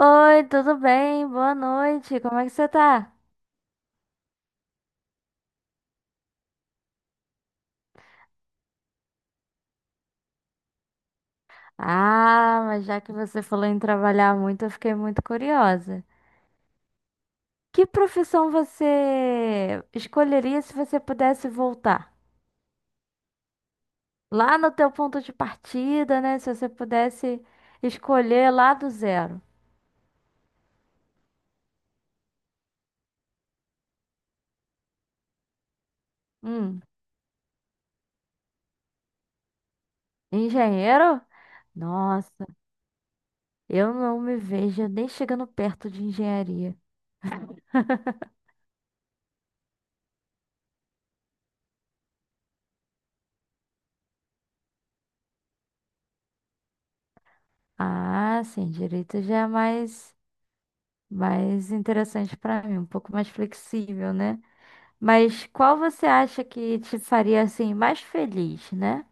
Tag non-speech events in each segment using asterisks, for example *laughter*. Oi, tudo bem? Boa noite. Como é que você tá? Ah, mas já que você falou em trabalhar muito, eu fiquei muito curiosa. Que profissão você escolheria se você pudesse voltar? Lá no teu ponto de partida, né? Se você pudesse escolher lá do zero. Hum, engenheiro? Nossa, eu não me vejo nem chegando perto de engenharia. Ah, sim, direito já é mais mais interessante pra mim, um pouco mais flexível, né? Mas qual você acha que te faria assim mais feliz, né?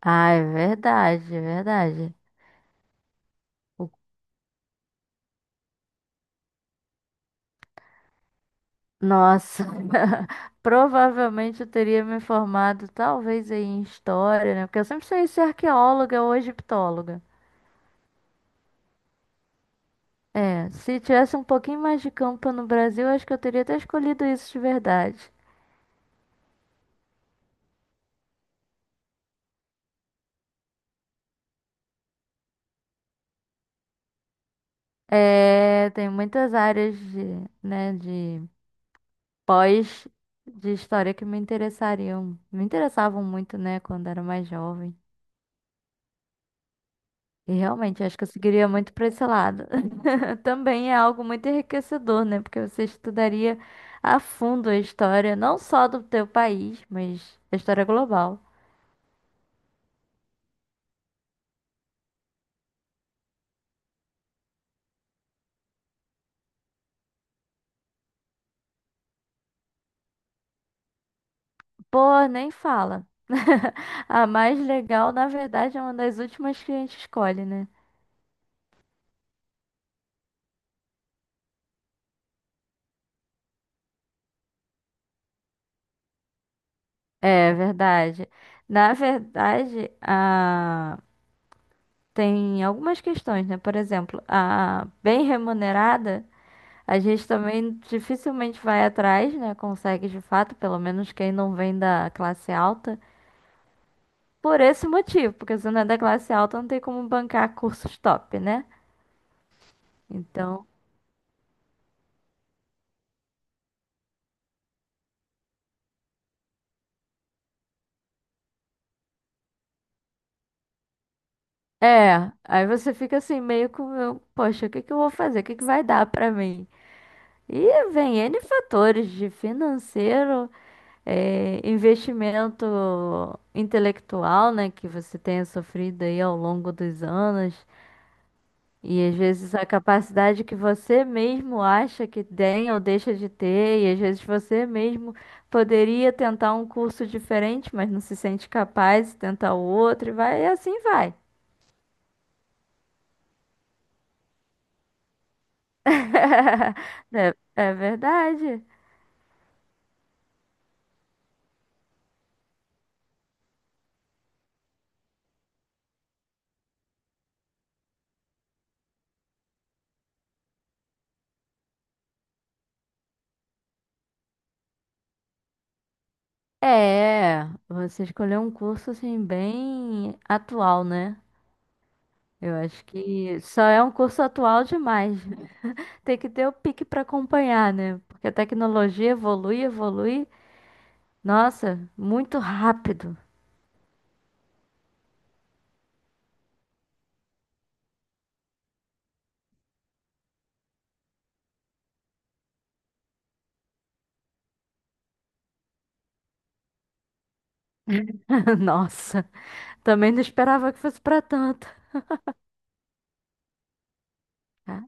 Ah, é verdade, é verdade. O- Nossa, *laughs* provavelmente eu teria me formado talvez aí em história, né? Porque eu sempre sonhei ser arqueóloga ou egiptóloga. É, se tivesse um pouquinho mais de campo no Brasil, acho que eu teria até escolhido isso de verdade. É, tem muitas áreas né, de pós de história que me interessariam, me interessavam muito, né, quando era mais jovem. E realmente, acho que eu seguiria muito para esse lado. *laughs* Também é algo muito enriquecedor, né? Porque você estudaria a fundo a história, não só do teu país, mas a história global. Pô, nem fala. *laughs* A mais legal, na verdade, é uma das últimas que a gente escolhe, né? É verdade. Na verdade, a tem algumas questões, né? Por exemplo, a bem remunerada, a gente também dificilmente vai atrás, né? Consegue de fato, pelo menos quem não vem da classe alta, por esse motivo, porque se não é da classe alta, não tem como bancar cursos top, né? Então, é, aí você fica assim, meio com, poxa, o que que eu vou fazer? O que que vai dar pra mim? E vem N fatores de financeiro é, investimento intelectual, né, que você tenha sofrido aí ao longo dos anos, e às vezes a capacidade que você mesmo acha que tem ou deixa de ter, e às vezes você mesmo poderia tentar um curso diferente, mas não se sente capaz, de tentar o outro, e vai, e assim vai. É, é verdade. É, você escolheu um curso assim bem atual, né? Eu acho que só é um curso atual demais. Tem que ter o pique para acompanhar, né? Porque a tecnologia evolui, evolui. Nossa, muito rápido. *laughs* Nossa, também não esperava que fosse para tanto. É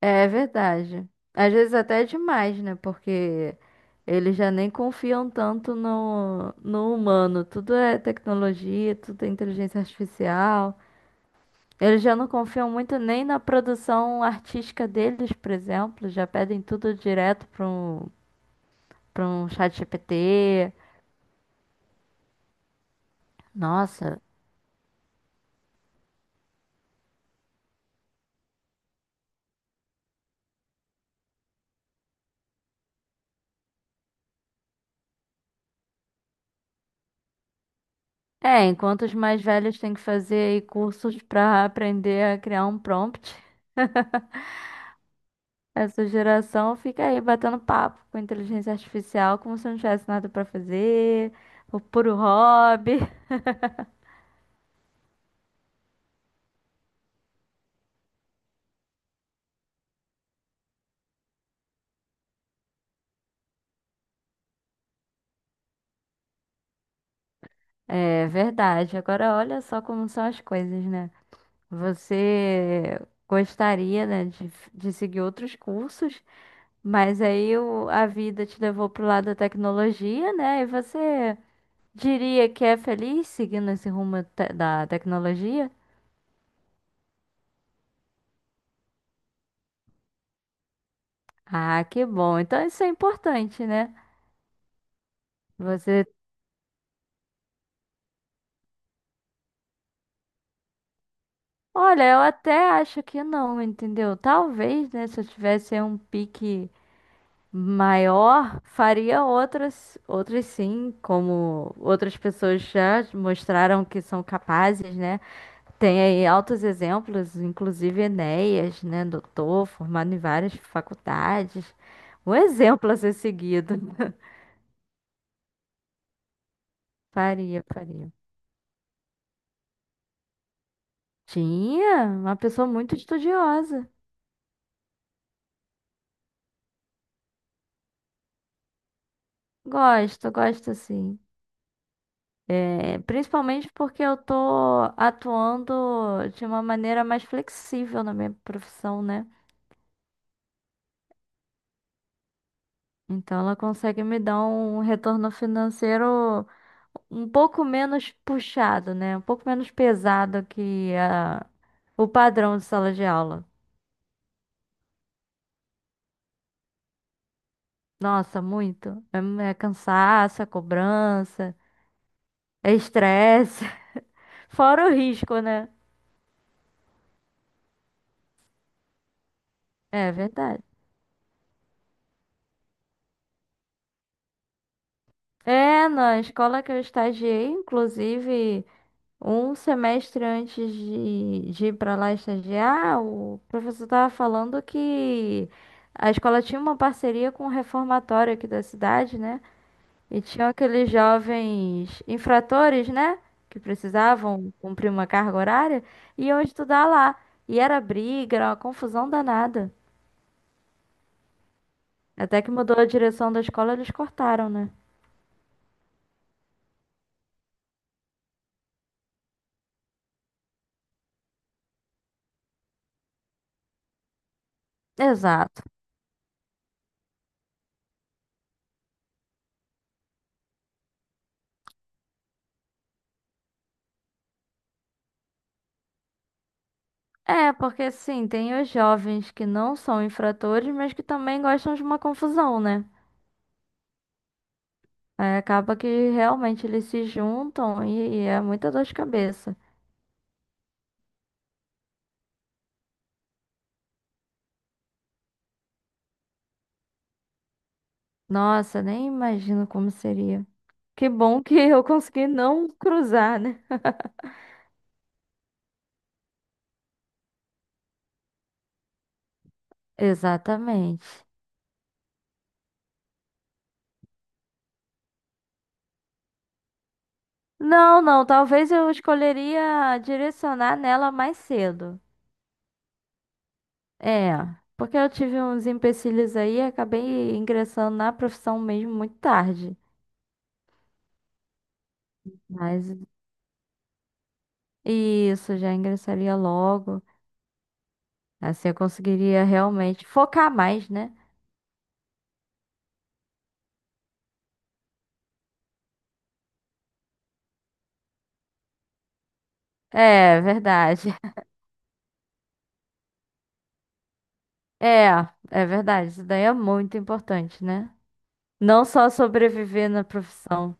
é verdade. Às vezes até é demais, né? Porque eles já nem confiam tanto no humano. Tudo é tecnologia, tudo é inteligência artificial. Eles já não confiam muito nem na produção artística deles, por exemplo. Já pedem tudo direto para um chat GPT. Nossa. É, enquanto os mais velhos têm que fazer aí cursos para aprender a criar um prompt, essa geração fica aí batendo papo com inteligência artificial como se não tivesse nada para fazer, o puro hobby. É verdade. Agora olha só como são as coisas, né? Você gostaria, né, de seguir outros cursos, mas aí a vida te levou pro lado da tecnologia, né? E você diria que é feliz seguindo esse rumo da tecnologia? Ah, que bom. Então isso é importante, né? Você. Olha, eu até acho que não, entendeu? Talvez, né? Se eu tivesse um pique maior, faria outras, outras sim, como outras pessoas já mostraram que são capazes, né? Tem aí altos exemplos, inclusive Enéas, né? Doutor, formado em várias faculdades. Um exemplo a ser seguido. Faria, faria. Tinha uma pessoa muito estudiosa. Gosto, gosto sim. É, principalmente porque eu tô atuando de uma maneira mais flexível na minha profissão, né? Então ela consegue me dar um retorno financeiro um pouco menos puxado, né? Um pouco menos pesado que o padrão de sala de aula. Nossa, muito. É, é cansaço, é cobrança, é estresse, *laughs* fora o risco, né? É verdade. É, na escola que eu estagiei, inclusive, um semestre antes de ir para lá estagiar, o professor estava falando que a escola tinha uma parceria com o reformatório aqui da cidade, né? E tinham aqueles jovens infratores, né? Que precisavam cumprir uma carga horária, e iam estudar lá. E era briga, era uma confusão danada. Até que mudou a direção da escola, eles cortaram, né? Exato. É, porque sim, tem os jovens que não são infratores, mas que também gostam de uma confusão, né? Aí acaba que realmente eles se juntam e é muita dor de cabeça. Nossa, nem imagino como seria. Que bom que *laughs* eu consegui não cruzar, né? Exatamente. Não, não, talvez eu escolheria direcionar nela mais cedo. É, porque eu tive uns empecilhos aí e acabei ingressando na profissão mesmo muito tarde. Mas isso, já ingressaria logo. Assim eu conseguiria realmente focar mais, né? É, verdade. *laughs* É, é verdade. Isso daí é muito importante, né? Não só sobreviver na profissão.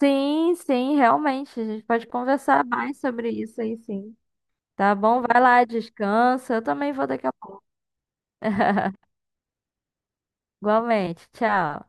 Sim, sim, realmente. A gente pode conversar mais sobre isso aí, sim. Tá bom? Vai lá, descansa. Eu também vou daqui a pouco. *laughs* Igualmente. Tchau.